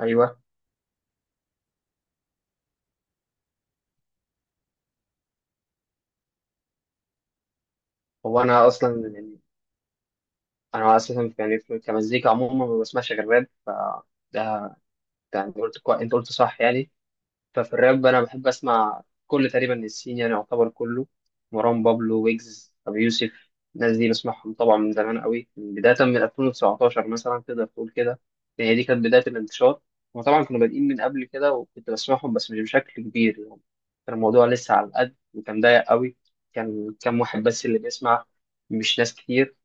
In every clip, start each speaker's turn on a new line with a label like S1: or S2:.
S1: ايوه، هو انا اصلا يعني، انا اساسا يعني كمزيكا عموما ما بسمعش غير راب. ف ده ده، انت قلت صح يعني. ففي الراب انا بحب اسمع كل تقريبا السين يعني، يعتبر كله: مروان بابلو، ويجز، ابي يوسف. الناس دي بسمعهم طبعا من زمان قوي، من بدايه من 2019 مثلا، تقدر تقول كده. يعني دي كانت بدايه الانتشار. وطبعا كانوا بادئين من قبل كده وكنت بسمعهم، بس مش بشكل كبير يعني. كان الموضوع لسه على القد وكان ضيق قوي. كان كام واحد بس اللي بيسمع، مش ناس كتير.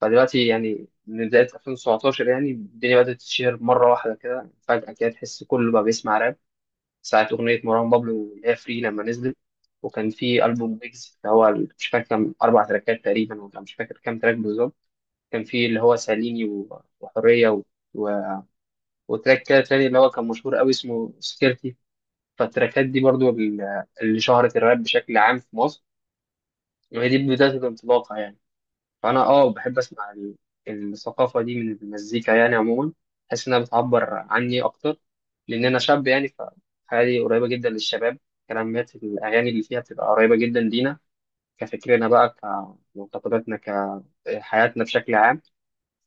S1: فدلوقتي يعني، من بداية 2017 يعني، الدنيا بدأت تتشهر مرة واحدة كده، فجأة كده، تحس كله بقى بيسمع راب ساعة أغنية مروان بابلو اللي هي فري لما نزلت. وكان في ألبوم ويجز اللي هو مش فاكر كام، أربع تراكات تقريبا، ولا مش فاكر كام تراك بالظبط. كان في اللي هو ساليني، وحرية، و... وتراك كده تاني اللي هو كان مشهور قوي اسمه سكيرتي. فالتراكات دي برضو اللي شهرت الراب بشكل عام في مصر، وهي دي بداية الانطلاقة يعني. فانا بحب اسمع الثقافه دي من المزيكا يعني عموما، بحس انها بتعبر عني اكتر، لان انا شاب يعني، فحياتي قريبه جدا للشباب. كلمات الاغاني اللي فيها بتبقى قريبه جدا لينا، كفكرنا بقى، كمعتقداتنا، كحياتنا بشكل عام.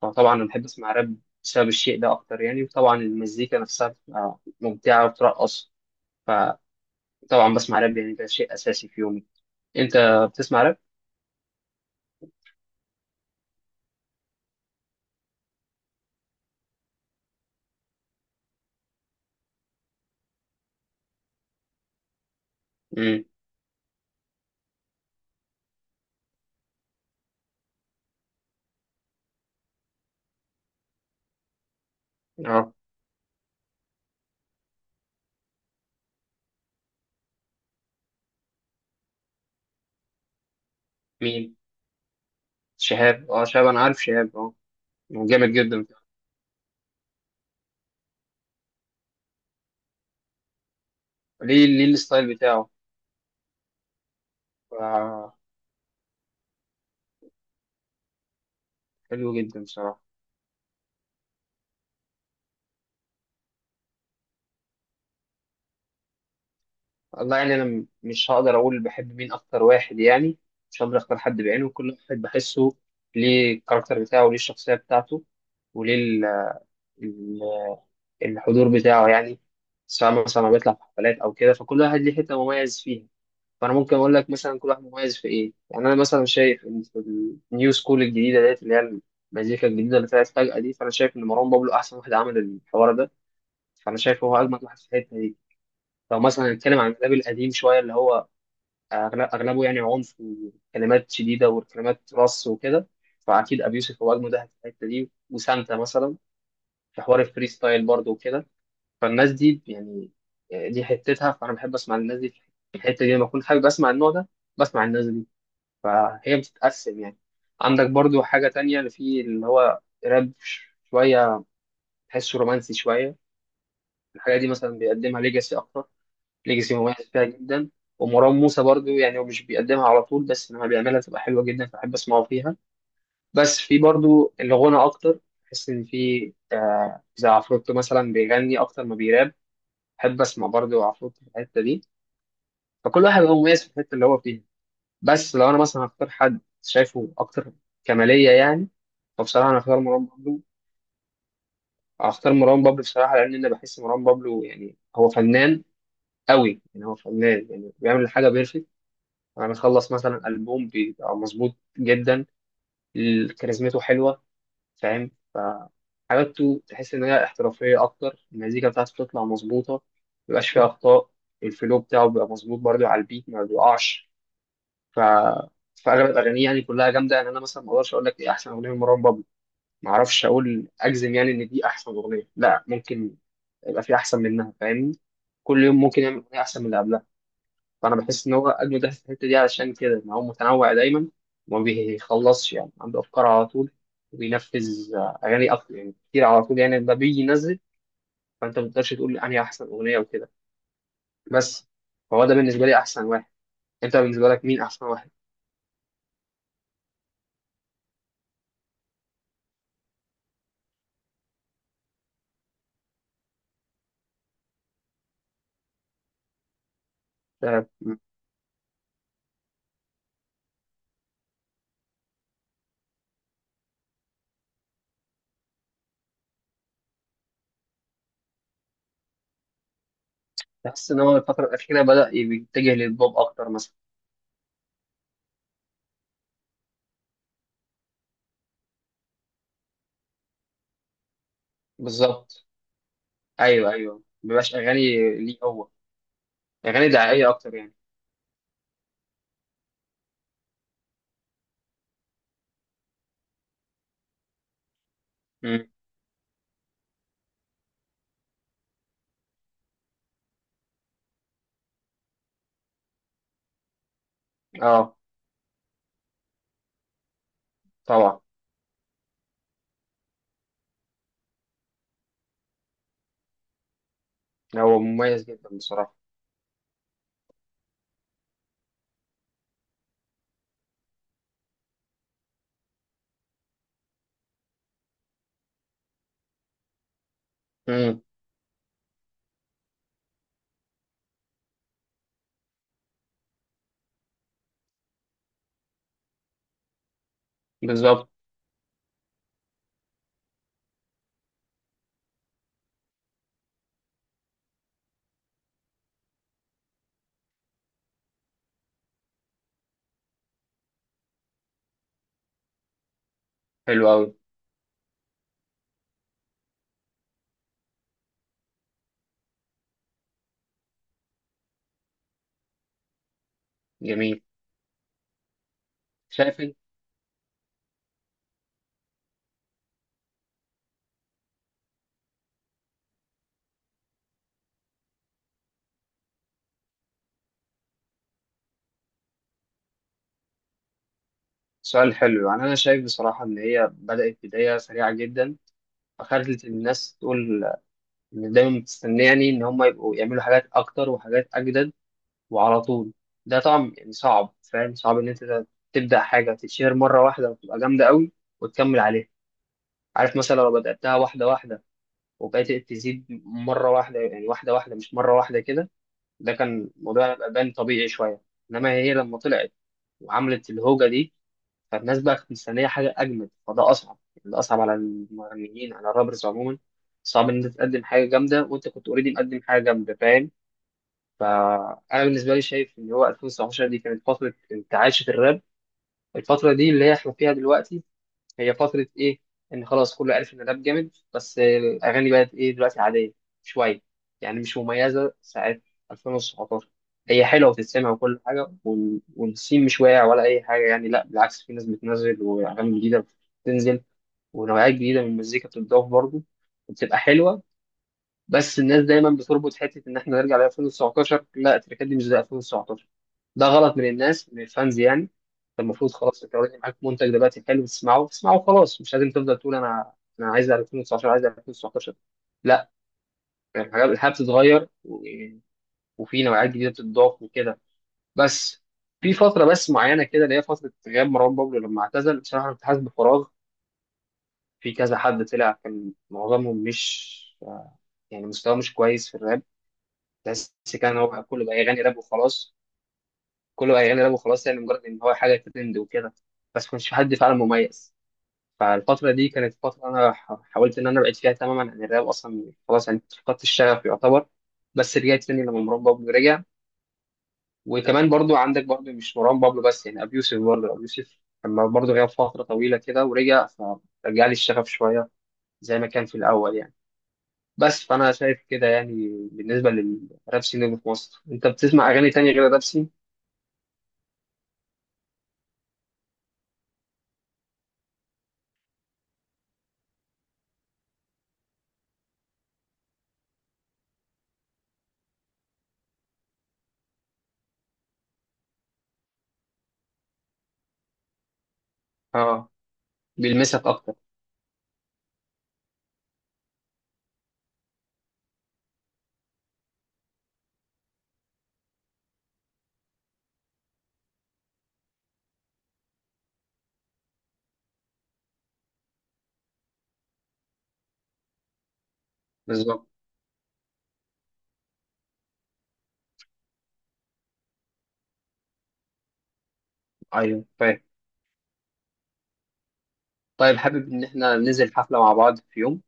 S1: فطبعا انا بحب اسمع راب بسبب الشيء ده اكتر يعني، وطبعا المزيكا نفسها بتبقى ممتعه وترقص. فطبعا بسمع راب يعني ده شيء اساسي في يومي. انت بتسمع راب؟ امم. اه. مين؟ شهاب؟ اه شهاب، انا عارف شهاب، اه. جامد جدا. ليه الستايل بتاعه. ف- حلو جدا بصراحة. والله يعني، أنا مش هقدر أقول بحب مين أكتر واحد يعني، مش هقدر أختار حد بعينه، كل واحد بحسه ليه الكاركتر بتاعه، وليه الشخصية بتاعته، وليه ال- الحضور بتاعه يعني. سواء مثلا لما بيطلع في حفلات أو كده، فكل واحد ليه حتة مميز فيها. فأنا ممكن أقول لك مثلا كل واحد مميز في إيه يعني، أنا مثلا شايف إن في النيو سكول الجديدة ديت، اللي هي المزيكا الجديدة اللي طلعت فجأة دي، فأنا شايف إن مروان بابلو أحسن واحد عمل الحوار ده. فانا شايف هو اجمد واحد في الحته دي. لو مثلا هنتكلم عن الراب القديم شويه، اللي هو اغلبه يعني عنف وكلمات شديده وكلمات رص وكده، فاكيد ابي يوسف هو اجمد واحد في الحته دي، وسانتا مثلا، في حوار الفري ستايل برضه وكده. فالناس دي يعني، دي حتتها. فانا بحب اسمع الناس دي في الحته دي، لما اكون حابب اسمع النوع ده بسمع الناس دي. فهي بتتقسم يعني. عندك برضه حاجه تانية اللي فيه، اللي هو راب شويه، تحسه رومانسي شويه. الحاجه دي مثلا بيقدمها ليجاسي اكتر. ليجاسي مميز فيها جدا. ومروان موسى برضو يعني، هو مش بيقدمها على طول، بس لما بيعملها بتبقى حلوه جدا، فبحب اسمعه فيها. بس في برضو الغنى اكتر، بحس ان في زي عفروتو مثلا بيغني اكتر ما بيراب. بحب اسمع برضو عفروتو في الحته دي. فكل واحد هو مميز في الحته اللي هو فيها. بس لو انا مثلا هختار حد شايفه اكتر كماليه يعني، فبصراحه انا هختار مروان بابلو. هختار مروان بابلو بصراحه، لان انا بحس مروان بابلو يعني هو فنان قوي يعني، هو فنان يعني بيعمل حاجه بيرفكت. انا مخلص مثلا البوم بيبقى مظبوط جدا. كاريزمته حلوه، فاهم؟ ف حاجاته تحس ان هي احترافيه اكتر. المزيكا بتاعته بتطلع مظبوطه، مبيبقاش فيها اخطاء. الفلو بتاعه بيبقى مظبوط برضه على البيت، ما بيقعش. ف فاغلب اغانيه يعني كلها جامده يعني، انا مثلا ما اقدرش اقول لك ايه احسن اغنيه لمروان بابلو. ما اعرفش اقول اجزم يعني ان دي احسن اغنيه، لا، ممكن يبقى في احسن منها، فاهمني؟ كل يوم ممكن يعمل اغنيه احسن من اللي قبلها. فانا بحس ان هو اجمد واحد في الحته دي علشان كده ان هو متنوع دايما، وما بيخلصش يعني، عنده افكار على طول، وبينفذ اغاني اكتر يعني، كتير على طول يعني لما بيجي ينزل. فانت ما تقدرش تقول انهي احسن اغنيه وكده، بس. فهو ده بالنسبه لي احسن واحد. انت بالنسبه لك مين احسن واحد؟ آه، بحس ان هو الفتره الاخيره بدا يتجه للبوب اكتر مثلا. بالظبط. ايوه ايوه، ما بيبقاش اغاني. ليه هو؟ اغاني دعائيه اكتر يعني. مم. اه، طبعا. هو مميز جدا بصراحه. مم. بالظبط. حلو قوي. جميل. شايف إنت؟ سؤال حلو. يعني انا شايف بصراحه ان هي بدات بدايه سريعه جدا، فخلت الناس تقول ان دايما بتستناني ان هم يبقوا يعملوا حاجات اكتر وحاجات اجدد وعلى طول. ده طبعا يعني صعب، فاهم؟ صعب ان انت تبدا حاجه تتشهر مره واحده وتبقى جامده قوي وتكمل عليها. عارف مثلا، لو بداتها واحده واحده وبقيت تزيد مره واحده يعني واحده واحده، مش مره واحده كده، ده كان الموضوع يبقى بان طبيعي شويه. انما هي لما طلعت وعملت الهوجه دي، فالناس بقى كانت مستنية حاجة أجمد، فده أصعب يعني. ده أصعب على المغنيين، على الرابرز عموما. صعب إن أنت تقدم حاجة جامدة وأنت كنت أوريدي مقدم حاجة جامدة، فاهم؟ فأنا بالنسبة لي شايف إن هو 2019 دي كانت فترة انتعاش في الراب. الفترة دي اللي هي إحنا فيها دلوقتي، هي فترة إيه؟ إن خلاص كله عرف إن الراب جامد، بس الأغاني بقت إيه دلوقتي، عادية شوية يعني، مش مميزة ساعة 2019. هي حلوة وتتسمع وكل حاجة، والسين مش واقع ولا أي حاجة يعني، لا بالعكس، في ناس بتنزل وأغاني جديدة بتنزل، ونوعيات جديدة من المزيكا بتتضاف برضه، وبتبقى حلوة. بس الناس دايما بتربط حته ان احنا نرجع ل 2019، لا، التركات دي مش زي 2019. ده غلط من الناس، من الفانز يعني. انت المفروض خلاص، انت اوريدي معاك منتج دلوقتي حلو، تسمعه تسمعه، خلاص. مش لازم تفضل تقول انا عايز 2019، عايز 2019، لا. يعني الحاجات، الحياه بتتغير، وفي نوعيات جديده بتتضاف وكده، بس. في فتره بس معينه كده، اللي هي فتره غياب مروان بابلو لما اعتزل، بصراحه انا كنت حاسس بفراغ. في كذا حد طلع، كان معظمهم مش يعني، مستواه مش كويس في الراب، بس. كان هو كله بقى يغني راب وخلاص، كله بقى يغني راب وخلاص يعني، مجرد ان هو حاجه ترند وكده، بس ما كانش في حد فعلا مميز. فالفتره دي كانت فتره انا حاولت ان انا ابعد فيها تماما عن الراب اصلا، خلاص يعني فقدت الشغف يعتبر. بس رجعت تاني لما مروان بابلو رجع. وكمان برضو، عندك برضو، مش مروان بابلو بس يعني، ابي يوسف برضو، ابي يوسف لما برضو غاب فتره طويله كده ورجع، فرجع لي الشغف شويه زي ما كان في الاول يعني. بس فانا شايف كده يعني بالنسبه للراب سين اللي في مصر. انت بتسمع اغاني تانية غير الراب سين؟ اه بيلمسك اكتر. بالظبط. ايوه، فاهم. طيب، حابب ان احنا ننزل حفله مع بعض في يوم؟